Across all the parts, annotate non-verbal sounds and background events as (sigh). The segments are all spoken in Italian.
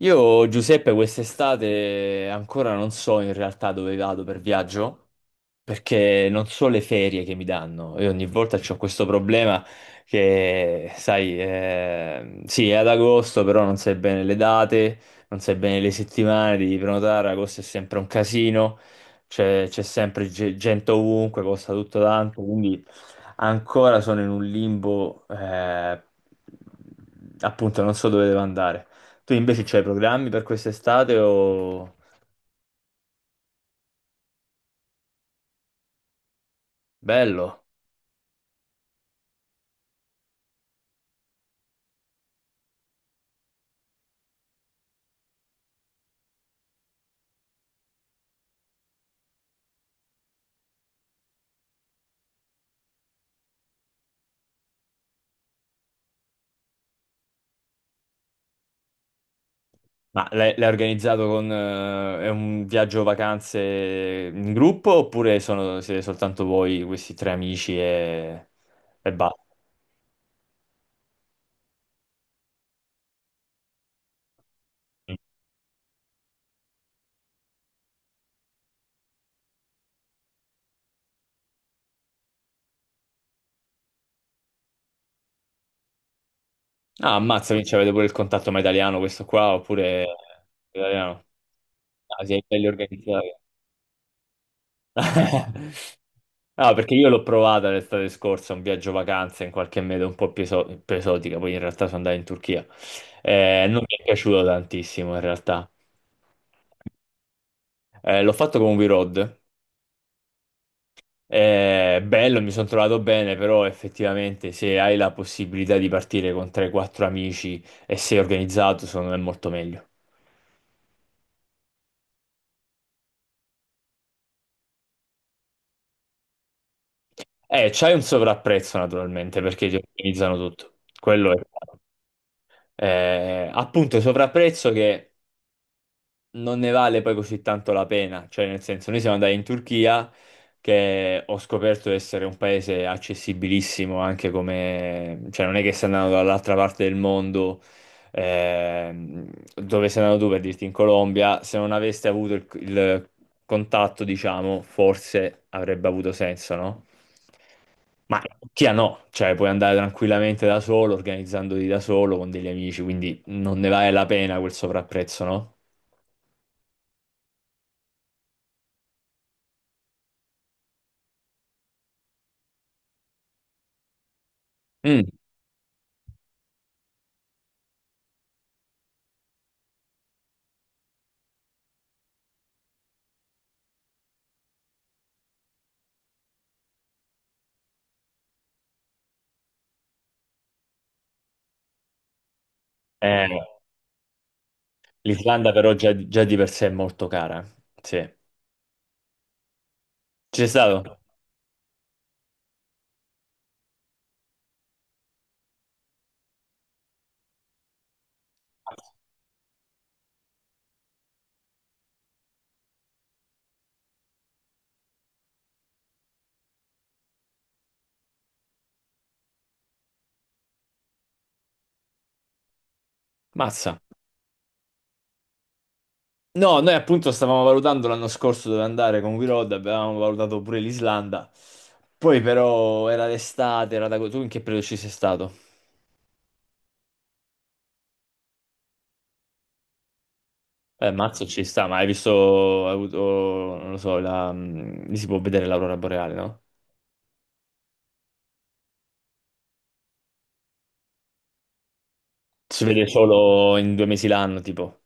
Io, Giuseppe, quest'estate ancora non so in realtà dove vado per viaggio, perché non so le ferie che mi danno e ogni volta c'ho questo problema che, sai, sì, è ad agosto, però non sai bene le date, non sai bene le settimane, devi prenotare, agosto è sempre un casino, c'è sempre gente ovunque, costa tutto tanto, quindi ancora sono in un limbo, appunto, non so dove devo andare. Tu invece c'hai programmi per quest'estate o... Bello. Ma l'hai organizzato con è un viaggio vacanze in gruppo oppure siete soltanto voi, questi tre amici e basta? Ah, ammazza, quindi avete pure il contatto, ma italiano questo qua oppure italiano? Ah, siete belli organizzati. (laughs) No, perché io l'ho provata l'estate scorsa, un viaggio vacanze in qualche meta un po' più esotica, poi in realtà sono andato in Turchia. Non mi è piaciuto tantissimo in realtà. L'ho fatto con WeRoad. È bello, mi sono trovato bene, però effettivamente se hai la possibilità di partire con 3-4 amici e sei organizzato, secondo me è molto meglio. C'hai un sovrapprezzo naturalmente perché ti organizzano tutto. Quello è... Appunto, sovrapprezzo che non ne vale poi così tanto la pena, cioè nel senso noi siamo andati in Turchia che ho scoperto essere un paese accessibilissimo anche come, cioè non è che sei andato dall'altra parte del mondo, ehm, dove sei andato tu per dirti in Colombia, se non aveste avuto il contatto, diciamo, forse avrebbe avuto senso, no? Ma in Turchia no, cioè puoi andare tranquillamente da solo, organizzandoti da solo con degli amici, quindi non ne vale la pena quel sovrapprezzo, no? Mm. Eh, l'Islanda però già, già di per sé è molto cara. Sì. Ci sei stato? Mazza. No, noi appunto stavamo valutando l'anno scorso dove andare con We Road, avevamo valutato pure l'Islanda. Poi però era d'estate, era da... Tu in che periodo ci sei stato? Mazzo ci sta, ma hai visto, hai avuto, non lo so, la... Lì si può vedere l'aurora boreale, no? Si vede solo in 2 mesi l'anno, tipo.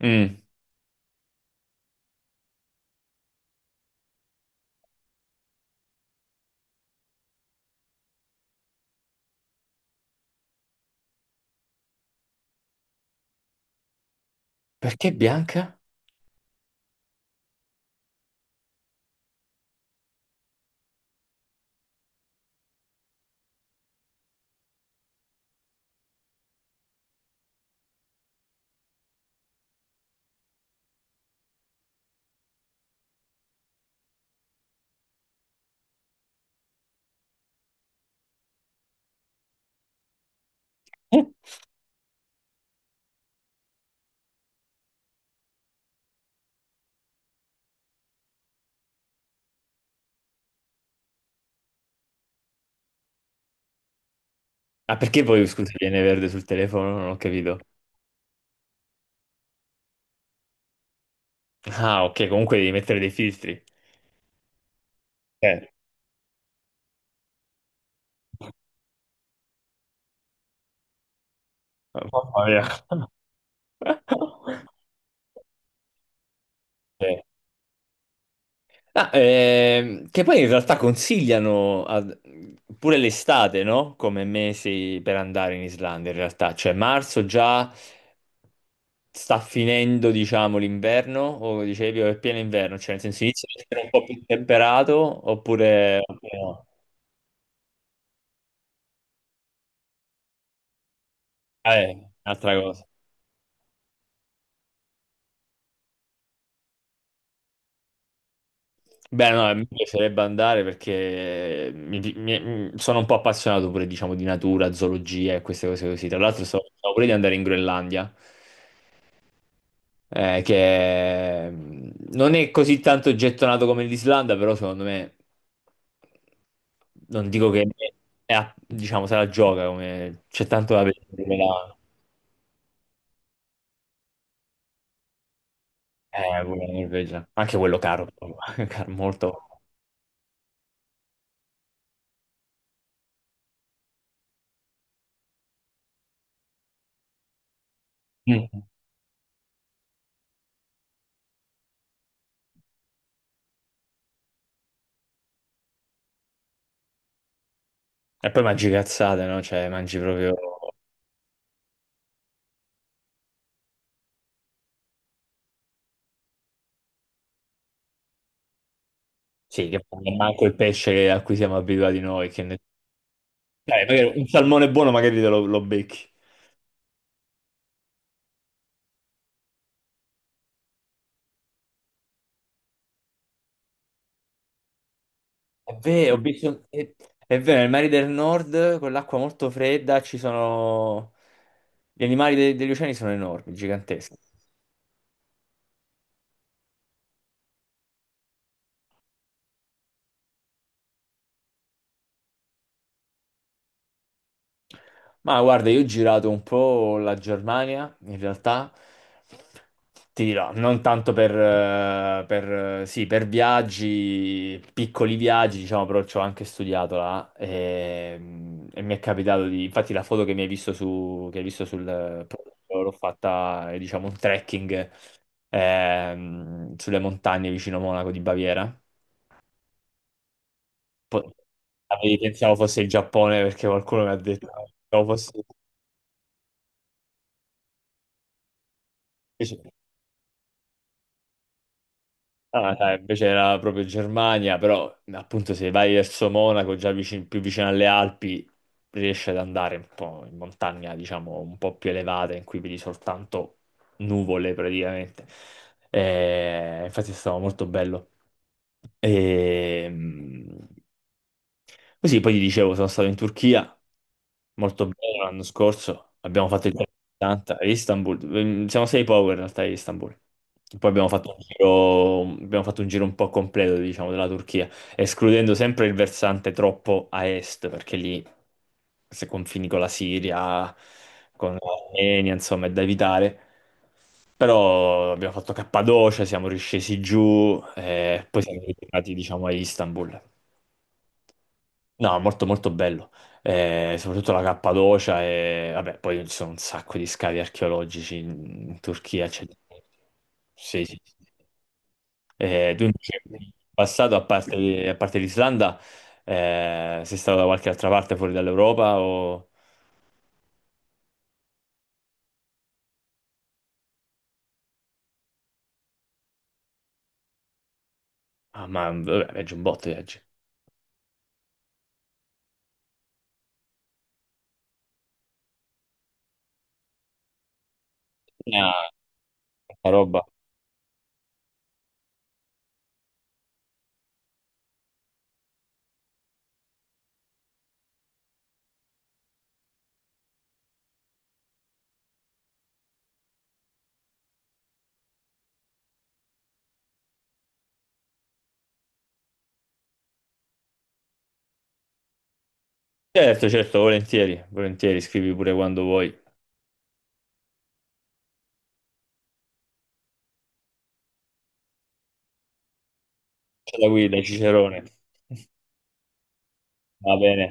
Mm. Perché bianca? Eh? Ah, perché poi, scusa, viene verde sul telefono? Non ho capito. Ah, ok, comunque devi mettere dei filtri. Eh, mamma mia. (laughs) Eh. Ah, che poi in realtà consigliano pure l'estate, no? Come mesi per andare in Islanda, in realtà. Cioè, marzo già sta finendo, diciamo, l'inverno, o dicevi, o è pieno inverno, cioè nel senso inizia a essere un po' più temperato, oppure no. Un'altra cosa. Beh, no, mi piacerebbe andare perché sono un po' appassionato pure, diciamo, di natura, zoologia e queste cose così. Tra l'altro, stavo pure di andare in Groenlandia, che non è così tanto gettonato come l'Islanda, però secondo me, non dico che diciamo, se la gioca, come c'è tanto da vedere. Pure la Norvegia. Anche quello caro, proprio, (laughs) caro molto. Mm. E poi mangi cazzate, no? Cioè, mangi proprio. E manco il pesce a cui siamo abituati noi. Che ne- Dai, magari un salmone buono magari te lo, lo becchi. È vero, è vero, nei mari del nord, con l'acqua molto fredda, ci sono... Gli animali degli oceani sono enormi, giganteschi. Ma guarda, io ho girato un po' la Germania, in realtà, ti dirò, non tanto per, sì, per viaggi, piccoli viaggi, diciamo, però ci ho anche studiato là e mi è capitato di, infatti la foto che hai visto sul profilo, l'ho fatta, diciamo, un trekking sulle montagne vicino Monaco di Baviera. Po- Pensavo fosse il Giappone perché qualcuno mi ha detto, pensavo fosse... Ah, dai, invece era proprio Germania, però appunto se vai verso Monaco, già più vicino alle Alpi, riesci ad andare un po' in montagna, diciamo, un po' più elevata, in cui vedi soltanto nuvole praticamente. Infatti è stato molto bello. E, così poi ti dicevo, sono stato in Turchia. Molto bene l'anno scorso, abbiamo fatto il giro di 80 a Istanbul. Siamo sei power in realtà a Istanbul. Poi abbiamo fatto un giro un po' completo, diciamo, della Turchia, escludendo sempre il versante troppo a est, perché lì se confini con la Siria, con l'Armenia, insomma, è da evitare. Però abbiamo fatto Cappadocia, siamo riscesi giù e poi siamo ritornati, diciamo, a Istanbul. No, molto molto bello. Soprattutto la Cappadocia e vabbè, poi ci sono un sacco di scavi archeologici in, in Turchia, c'è- Sì, sì, sì. Tu invece, in passato, a parte l'Islanda, sei stato da qualche altra parte fuori dall'Europa o... Ah, ma vabbè, viaggi un botto, viaggi. Ah, tanta roba. Certo, certo, volentieri, volentieri, scrivi pure quando vuoi. C'è la guida, Cicerone. (laughs) Va bene.